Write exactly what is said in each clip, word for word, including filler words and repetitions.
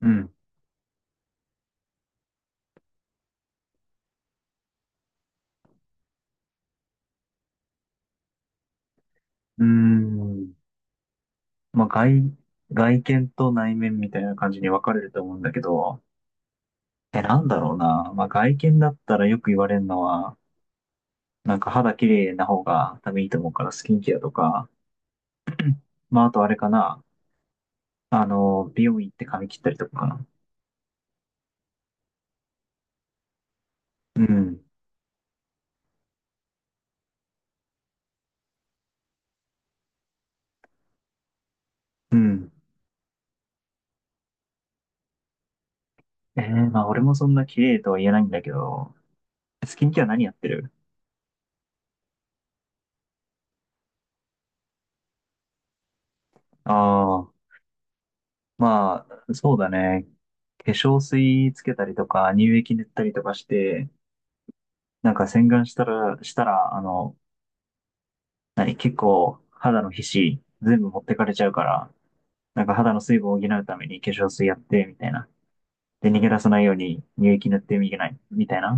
うん。うーん。まあ、外、外見と内面みたいな感じに分かれると思うんだけど、え、なんだろうな。まあ、外見だったらよく言われるのは、なんか肌綺麗な方が多分いいと思うからスキンケアとか、まあ、あとあれかな。あの、美容院行って髪切ったりとかかな。うん。うん。えー、まあ、俺もそんな綺麗とは言えないんだけど、スキンケア何やってる？ああ、まあ、そうだね。化粧水つけたりとか、乳液塗ったりとかして、なんか洗顔したら、したら、あの、何、結構肌の皮脂全部持ってかれちゃうから、なんか肌の水分を補うために化粧水やって、みたいな。で、逃げ出さないように乳液塗ってみない、みたいな。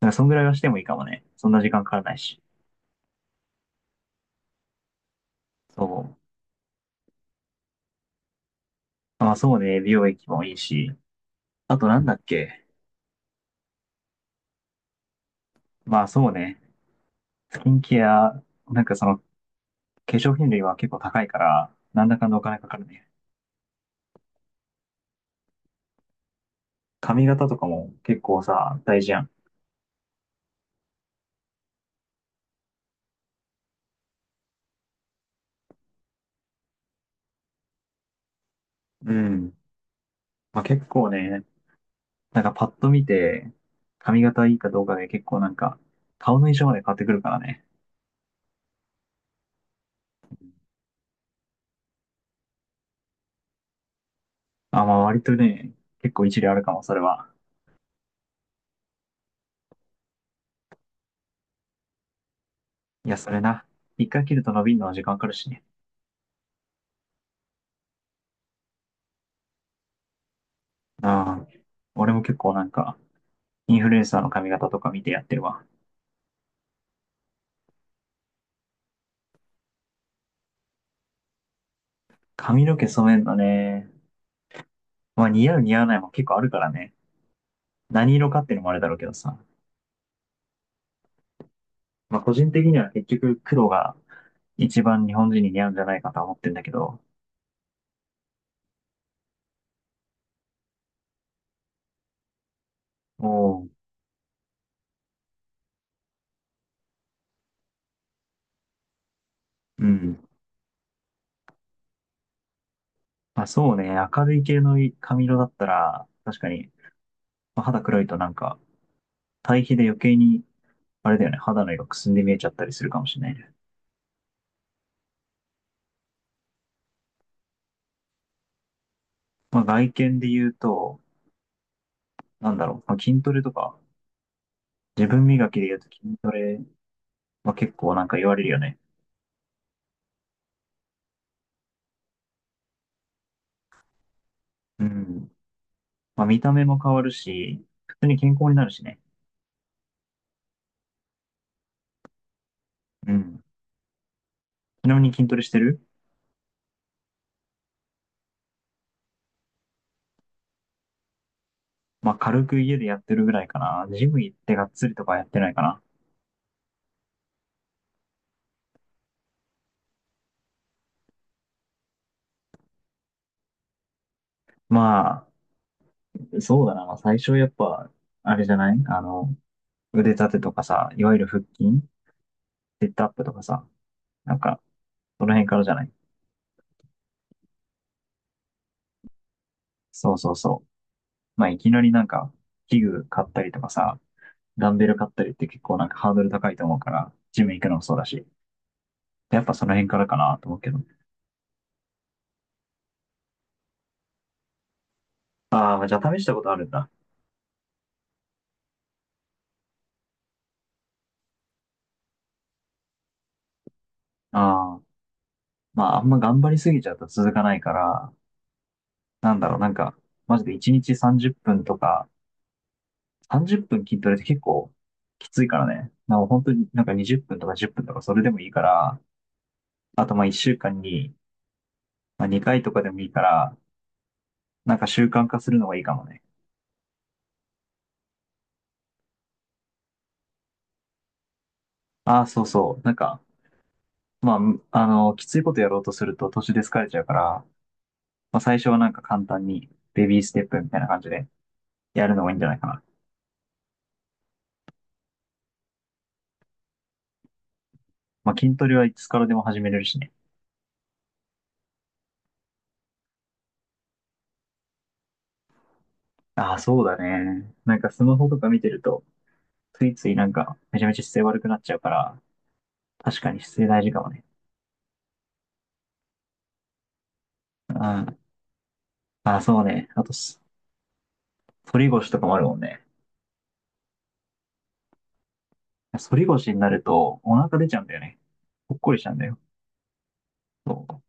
なんかそんぐらいはしてもいいかもね。そんな時間かからないし。そう。まあ、そうね、美容液もいいし。あとなんだっけ。まあ、そうね、スキンケア、なんかその化粧品類は結構高いから、なんだかんだお金かかるね。髪型とかも結構さ、大事やん。うん。まあ結構ね、なんかパッと見て、髪型いいかどうかで結構なんか、顔の印象まで変わってくるからね。あ、まあ割とね、結構一理あるかも、それは。いや、それな。一回切ると伸びるのは時間かかるしね。ああ、俺も結構なんか、インフルエンサーの髪型とか見てやってるわ。髪の毛染めんのね。まあ似合う似合わないも結構あるからね。何色かっていうのもあれだろうけどさ。まあ個人的には結局黒が一番日本人に似合うんじゃないかとは思ってんだけど。おお、うん。まあ、そうね。明るい系の髪色だったら、確かに、まあ肌黒いとなんか、対比で余計に、あれだよね、肌の色くすんで見えちゃったりするかもしれないね。まあ、外見で言うと、なんだろう、まあ、筋トレとか、自分磨きで言うと筋トレは結構なんか言われるよね。うん。まあ、見た目も変わるし、普通に健康になるしね。うん。ちなみに筋トレしてる？まあ、軽く家でやってるぐらいかな。ジム行ってがっつりとかやってないかな。まあ、そうだな。まあ、最初やっぱ、あれじゃない？あの、腕立てとかさ、いわゆる腹筋、セットアップとかさ、なんか、その辺からじゃない？そうそうそう。まあ、いきなりなんか、器具買ったりとかさ、ダンベル買ったりって結構なんかハードル高いと思うから、ジム行くのもそうだし、やっぱその辺からかなと思うけど。ああ、じゃあ試したことあるんだ。ああ、まあ、あんま頑張りすぎちゃうと続かないから、なんだろう、なんか、マジでいちにちさんじゅっぷんとか、さんじゅっぷん筋トレって結構きついからね。なんか本当になんかにじゅっぷんとかじゅっぷんとかそれでもいいから、あとまあいっしゅうかんにまあ、にかいとかでもいいから、なんか習慣化するのがいいかもね。ああ、そうそう。なんか、まあ、むあの、きついことやろうとすると途中で疲れちゃうから、まあ、最初はなんか簡単にベビーステップみたいな感じでやるのがいいんじゃないかな。まあ、筋トレはいつからでも始めれるしね。ああ、そうだね。なんかスマホとか見てると、ついついなんかめちゃめちゃ姿勢悪くなっちゃうから、確かに姿勢大事かもね。ああ、ああ、そうね。あとす、反り腰とかもあるもんね。反り腰になるとお腹出ちゃうんだよね。ぽっこりしちゃうんだよ。そう、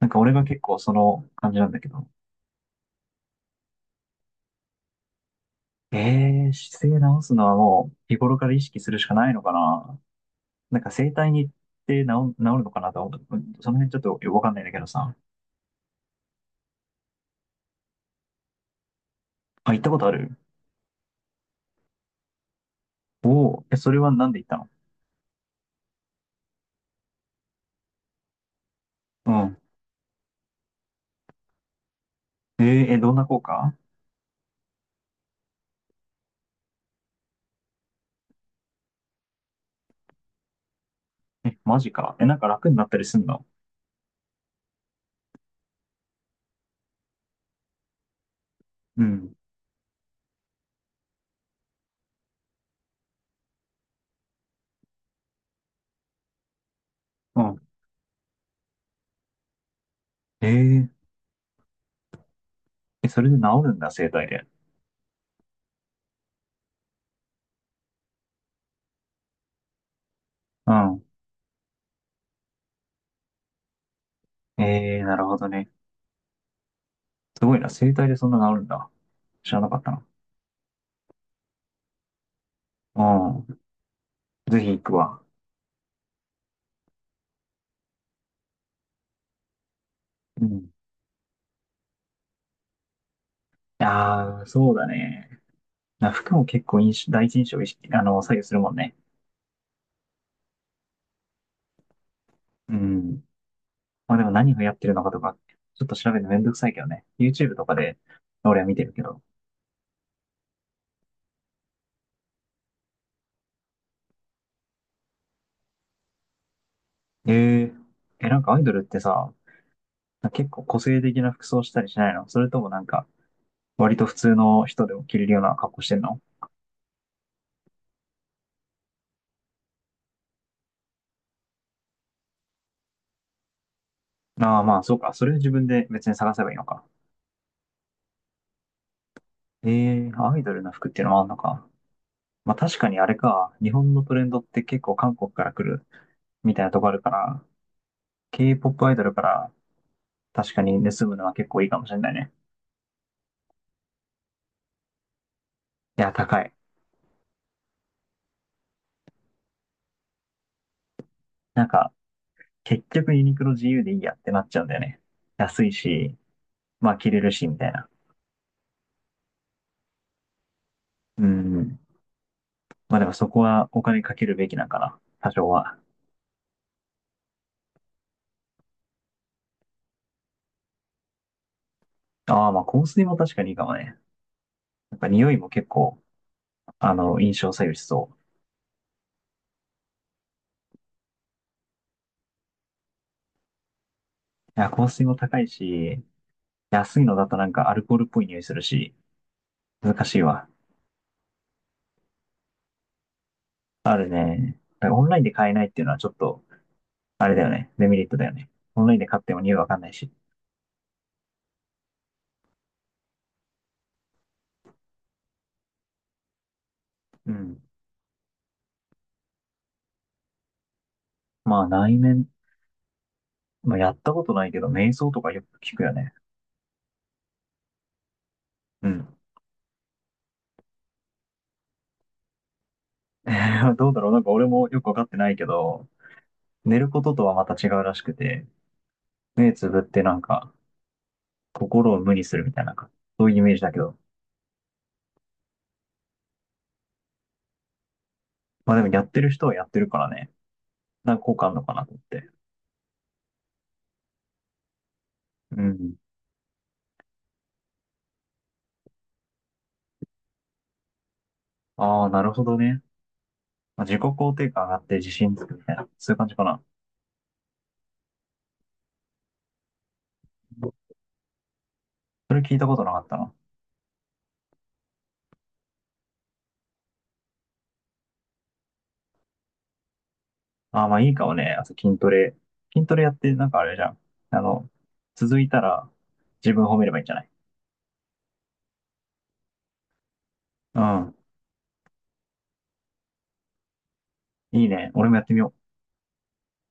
なんか俺が結構その感じなんだけど。えー、姿勢直すのはもう日頃から意識するしかないのかな。なんか整体に行って治、治るのかなと思った。うん、その辺ちょっとよくわかんないんだけどさ。あ、行ったことある？おおー、え、それはなんで行ったの？うん。えー、え、どんな効果？え、マジか。え、なんか楽になったりすんの？うん。うん。えー、え、それで治るんだ、整体で。うん。えー、なるほどね。すごいな、整体でそんな治るんだ。知らなかったな。うん。ぜひ行くわ。うん。ああ、そうだね。な服も結構印象、第一印象を意識、あの、左右するもんね。うん。まあでも何がやってるのかとか、ちょっと調べるのめんどくさいけどね。YouTube とかで俺は見てるけど。ええ、え、なんかアイドルってさ、結構個性的な服装したりしないの？それともなんか、割と普通の人でも着れるような格好してんの？ああ、まあそうか。それは自分で別に探せばいいのか。ええ、アイドルの服っていうのもあんのか。まあ確かにあれか。日本のトレンドって結構韓国から来るみたいなとこあるから、ケーポップ アイドルから確かに盗むのは結構いいかもしれないね。いや、高い。なんか、結局ユニクロ自由でいいやってなっちゃうんだよね。安いし、まあ着れるし、みたいな。うん。まあでもそこはお金かけるべきなんかな。多少は。ああ、まあ香水も確かにいいかもね。やっぱ匂いも結構、あの、印象左右しそう。いや、香水も高いし、安いのだとなんかアルコールっぽい匂いするし、難しいわ。あるね。だからオンラインで買えないっていうのはちょっとあれだよね。デメリットだよね。オンラインで買っても匂いわかんないし。うん。まあ内面、まあ、やったことないけど、瞑想とかよく聞くよね。うん。どうだろう、なんか俺もよくわかってないけど、寝ることとはまた違うらしくて、目つぶってなんか心を無にするみたいな、そういうイメージだけど。まあでもやってる人はやってるからね。なんか効果あるのかなと思って。うん。ああ、なるほどね。まあ、自己肯定感上がって自信つくみたいな、そういう感じかな。それ聞いたことなかったな。ああ、まあいいかもね。あと筋トレ。筋トレやって、なんかあれじゃん。あの、続いたら自分褒めればいいんじゃない？うん。いいね。俺もやってみよう。